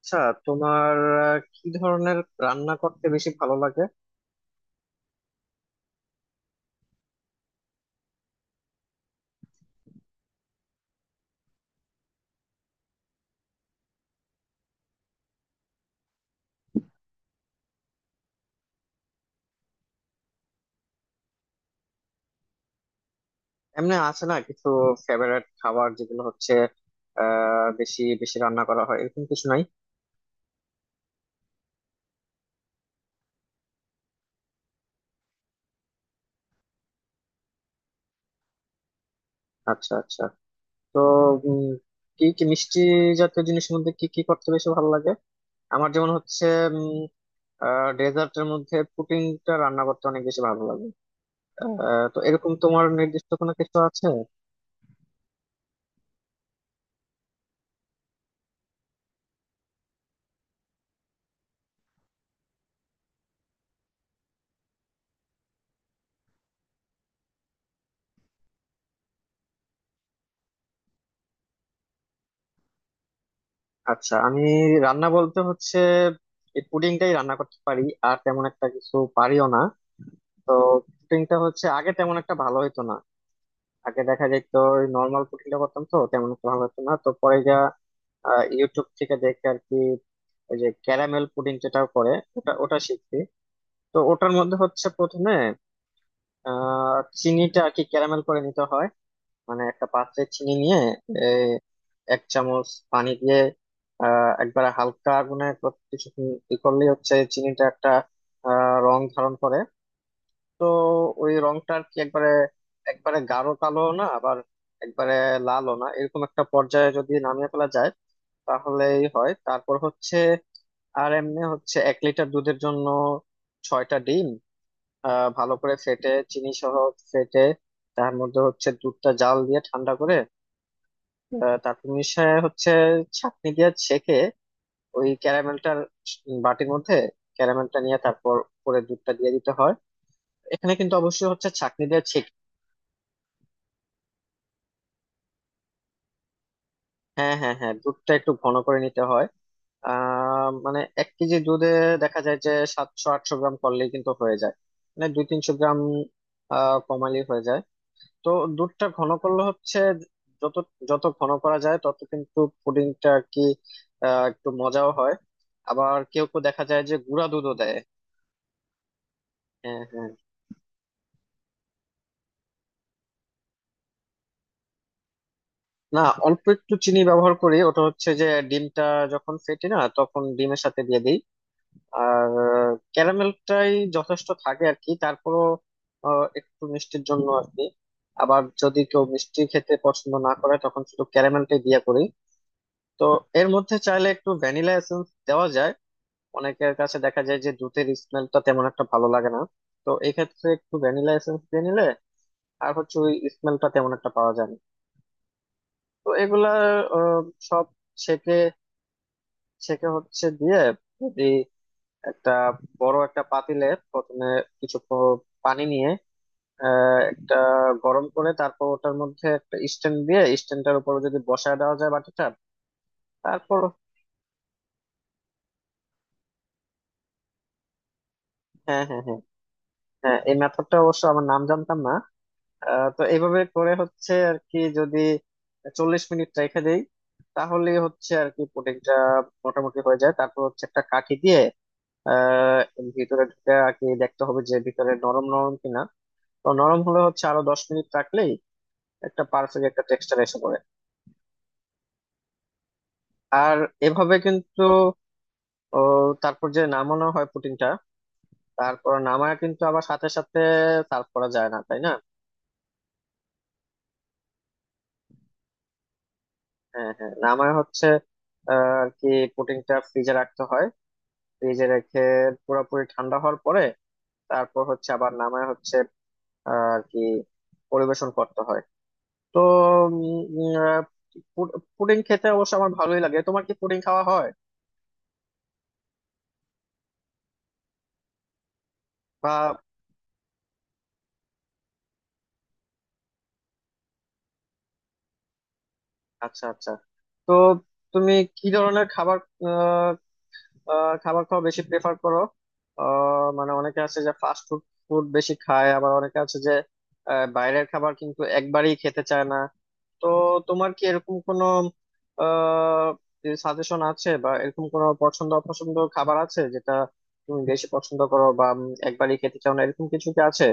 আচ্ছা, তোমার কি ধরনের রান্না করতে বেশি ভালো লাগে? এমনি আছে না কিছু ফেভারিট খাবার যেগুলো হচ্ছে বেশি বেশি রান্না করা হয়, এরকম কিছু নাই? আচ্ছা, আচ্ছা। তো উম, কি কি মিষ্টি জাতীয় জিনিসের মধ্যে কি কি করতে বেশি ভালো লাগে? আমার যেমন হচ্ছে ডেজার্টের মধ্যে পুডিংটা রান্না করতে অনেক বেশি ভালো লাগে। তো এরকম তোমার নির্দিষ্ট কোনো কিছু আছে? আচ্ছা, আমি রান্না বলতে হচ্ছে এই পুডিংটাই রান্না করতে পারি, আর তেমন একটা কিছু পারিও না। তো শুটিংটা হচ্ছে আগে তেমন একটা ভালো হতো না। আগে দেখা যেত নর্মাল শুটিংটা করতাম তো তেমন একটা ভালো হতো না, তো পরে যা ইউটিউব থেকে দেখে আর কি, ওই যে ক্যারামেল পুডিং যেটা করে ওটা ওটা শিখছি। তো ওটার মধ্যে হচ্ছে প্রথমে আহ চিনিটা আর কি ক্যারামেল করে নিতে হয়, মানে একটা পাত্রে চিনি নিয়ে এ, 1 চামচ পানি দিয়ে একবারে হালকা আগুনে কিছুক্ষণ ই করলেই হচ্ছে চিনিটা একটা রং ধারণ করে। তো ওই রংটার কি একবারে, একবারে গাঢ় কালো না, আবার একবারে লালও না, এরকম একটা পর্যায়ে যদি নামিয়ে ফেলা যায় তাহলেই হয়। তারপর হচ্ছে, আর এমনি হচ্ছে 1 লিটার দুধের জন্য ছয়টা ডিম ভালো করে ফেটে, চিনি সহ ফেটে, তার মধ্যে হচ্ছে দুধটা জাল দিয়ে ঠান্ডা করে তারপর মিশিয়ে হচ্ছে ছাঁকনি দিয়ে ছেঁকে ওই ক্যারামেলটার বাটির মধ্যে ক্যারামেলটা নিয়ে তারপর উপরে দুধটা দিয়ে দিতে হয়। এখানে কিন্তু অবশ্যই হচ্ছে ছাঁকনি দিয়ে। হ্যাঁ, হ্যাঁ, হ্যাঁ, দুধটা একটু ঘন করে নিতে হয়। মানে 1 কেজি দুধে দেখা যায় যে 700-800 গ্রাম করলেই কিন্তু হয়ে যায়, মানে 200-300 গ্রাম কমালেই হয়ে যায়। তো দুধটা ঘন করলে হচ্ছে যত যত ঘন করা যায় তত কিন্তু পুডিংটা আর কি একটু মজাও হয়। আবার কেউ কেউ দেখা যায় যে গুঁড়া দুধও দেয়। হ্যাঁ, হ্যাঁ। না, অল্প একটু চিনি ব্যবহার করি, ওটা হচ্ছে যে ডিমটা যখন ফেটে না তখন ডিমের সাথে দিয়ে দিই। আর ক্যারামেলটাই যথেষ্ট থাকে আর কি, তারপরও একটু মিষ্টির জন্য আর কি। আবার যদি কেউ মিষ্টি খেতে পছন্দ না করে তখন শুধু ক্যারামেলটাই দিয়ে করি। তো এর মধ্যে চাইলে একটু ভ্যানিলা এসেন্স দেওয়া যায়। অনেকের কাছে দেখা যায় যে দুধের স্মেলটা তেমন একটা ভালো লাগে না, তো এক্ষেত্রে একটু ভ্যানিলা এসেন্স দিয়ে নিলে আর হচ্ছে ওই স্মেলটা তেমন একটা পাওয়া যায় না। তো এগুলা আহ, সব ছেঁকে, ছেঁকে হচ্ছে দিয়ে, যদি একটা বড় একটা পাতিলে প্রথমে কিছু পানি নিয়ে একটা গরম করে তারপর ওটার মধ্যে একটা স্ট্যান্ড দিয়ে স্ট্যান্ডটার উপর যদি বসায় দেওয়া যায় বাটিটা। তারপর হ্যাঁ, হ্যাঁ, হ্যাঁ, হ্যাঁ, এই মেথডটা অবশ্য আমার নাম জানতাম না। তো এইভাবে করে হচ্ছে আর কি, যদি 40 মিনিট রেখে দেই তাহলে হচ্ছে আর কি পুডিংটা মোটামুটি হয়ে যায়। তারপর হচ্ছে একটা কাঠি দিয়ে আহ ভিতরে ঢুকে আর কি দেখতে হবে যে ভিতরে নরম নরম কিনা। তো নরম হলে হচ্ছে আরো 10 মিনিট রাখলেই একটা পারফেক্ট একটা টেক্সচার এসে পড়ে। আর এভাবে কিন্তু ও, তারপর যে নামানো হয় পুটিংটা, তারপর নামায় কিন্তু আবার সাথে সাথে সার্ভ করা যায় না, তাই না? হ্যাঁ, হ্যাঁ, নামায় হচ্ছে আহ, আর কি পুটিংটা ফ্রিজে রাখতে হয়। ফ্রিজে রেখে পুরোপুরি ঠান্ডা হওয়ার পরে তারপর হচ্ছে আবার নামায় হচ্ছে আর কি পরিবেশন করতে হয়। তো উম, আহ, পুডিং খেতে অবশ্য আমার ভালোই লাগে। তোমার কি পুডিং খাওয়া হয় বা? আচ্ছা, আচ্ছা। তো তুমি কি ধরনের খাবার আহ, আহ, খাবার খাওয়া বেশি প্রেফার করো? মানে অনেকে আছে যে ফাস্ট ফুড ফুড বেশি খায়, আবার অনেকে আছে যে বাইরের খাবার কিন্তু একবারই খেতে চায় না। তো তোমার কি এরকম কোনো সাজেশন আছে বা এরকম কোনো পছন্দ অপছন্দ খাবার আছে যেটা তুমি বেশি পছন্দ করো বা একবারই খেতে চাও না, এরকম কিছু কি আছে?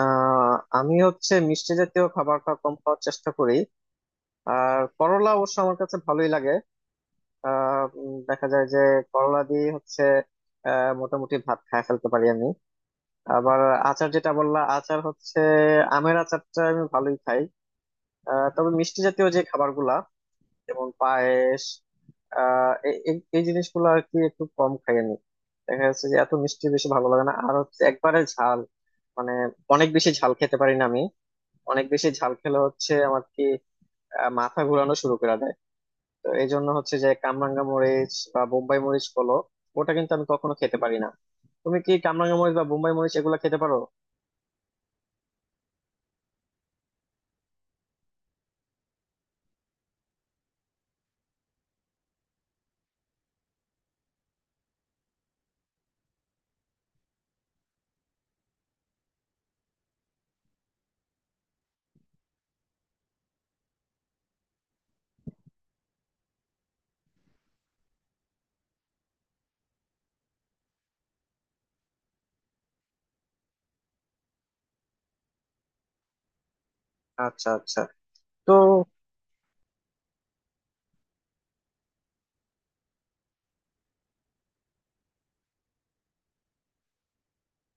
আহ আমি হচ্ছে মিষ্টি জাতীয় খাবারটা কম খাওয়ার চেষ্টা করি। আর করলা অবশ্য আমার কাছে ভালোই লাগে। দেখা যায় যে করলা দিয়ে হচ্ছে মোটামুটি ভাত খায় ফেলতে পারি আমি। আবার আচার যেটা বললা, আচার হচ্ছে আমের আচারটা আমি ভালোই খাই। তবে মিষ্টি জাতীয় যে খাবারগুলা যেমন পায়েস, এই এই এই জিনিসগুলো আর কি একটু কম খাই আমি। দেখা যাচ্ছে যে এত মিষ্টি বেশি ভালো লাগে না। আর হচ্ছে একবারে ঝাল, মানে অনেক বেশি ঝাল খেতে পারি না আমি। অনেক বেশি ঝাল খেলে হচ্ছে আমার কি মাথা ঘোরানো শুরু করে দেয়। তো এই জন্য হচ্ছে যে কামরাঙ্গা মরিচ বা বোম্বাই মরিচ বলো, ওটা কিন্তু আমি কখনো খেতে পারি না। তুমি কি কামরাঙ্গা মরিচ বা বোম্বাই মরিচ এগুলা খেতে পারো? আচ্ছা, আচ্ছা। তো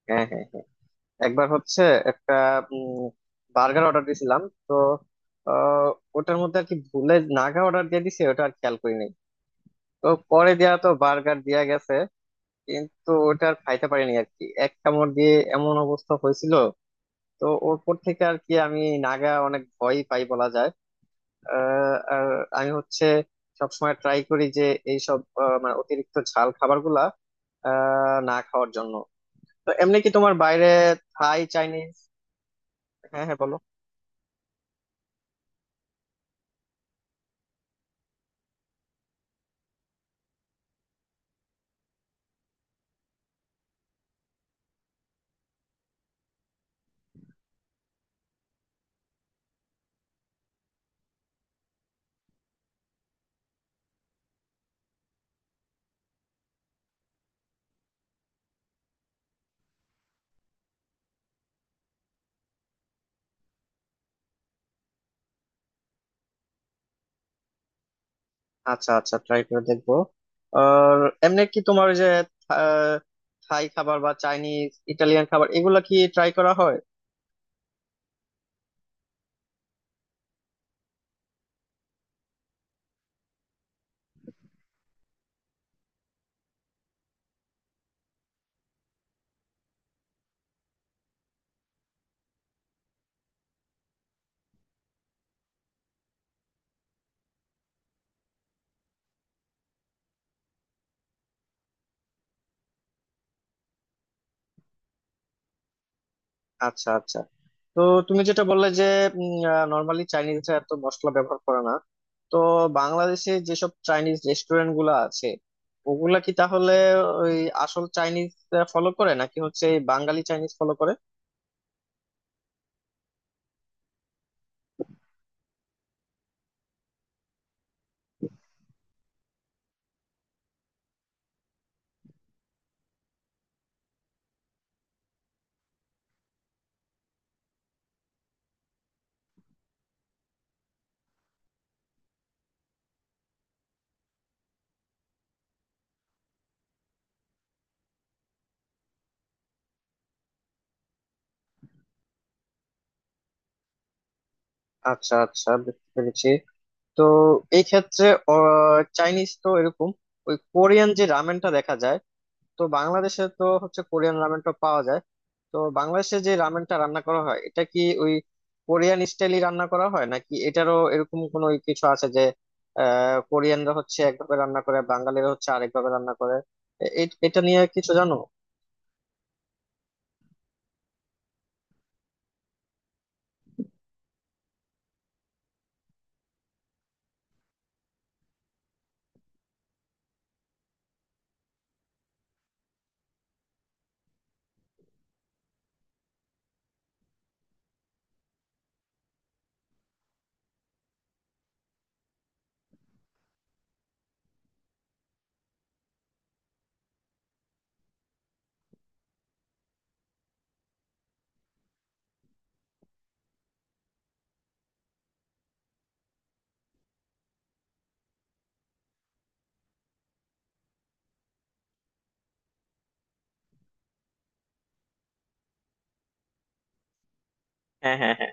হ্যাঁ, হ্যাঁ, হ্যাঁ, একবার হচ্ছে একটা বার্গার অর্ডার দিয়েছিলাম। তো আহ, ওটার মধ্যে আর কি ভুলে নাগা অর্ডার দিয়ে দিছে, ওটা আর খেয়াল করি নাই। তো পরে দেয়া, তো বার্গার দেয়া গেছে কিন্তু ওটা আর খাইতে পারিনি আর কি, এক কামড় দিয়ে এমন অবস্থা হয়েছিল। তো ওর পর থেকে আর কি আমি নাগা অনেক ভয় পাই বলা যায়। আর আমি হচ্ছে সবসময় ট্রাই করি যে এইসব মানে অতিরিক্ত ঝাল খাবার গুলা না খাওয়ার জন্য। তো এমনি কি তোমার বাইরে থাই চাইনিজ? হ্যাঁ, হ্যাঁ, বলো। আচ্ছা, আচ্ছা, ট্রাই করে দেখবো। আর এমনি কি তোমার ওই যে আহ, থাই খাবার বা চাইনিজ, ইটালিয়ান খাবার এগুলা কি ট্রাই করা হয়? আচ্ছা, আচ্ছা। তো তুমি যেটা বললে যে নর্মালি চাইনিজরা এত মশলা ব্যবহার করে না, তো বাংলাদেশে যেসব চাইনিজ রেস্টুরেন্ট গুলো আছে ওগুলা কি তাহলে ওই আসল চাইনিজ ফলো করে নাকি হচ্ছে এই বাঙালি চাইনিজ ফলো করে? আচ্ছা, আচ্ছা, বুঝতে পেরেছি। তো এই ক্ষেত্রে চাইনিজ তো এরকম, ওই কোরিয়ান যে রামেনটা দেখা যায়, তো বাংলাদেশে তো হচ্ছে কোরিয়ান রামেনটা পাওয়া যায়। তো বাংলাদেশে যে রামেনটা রান্না করা হয় এটা কি ওই কোরিয়ান স্টাইলই রান্না করা হয় নাকি এটারও এরকম কোনো ওই কিছু আছে যে কোরিয়ানরা হচ্ছে একভাবে রান্না করে বাঙালিরা হচ্ছে আরেকভাবে রান্না করে, এটা নিয়ে কিছু জানো? হ্যাঁ, হ্যাঁ, হ্যাঁ।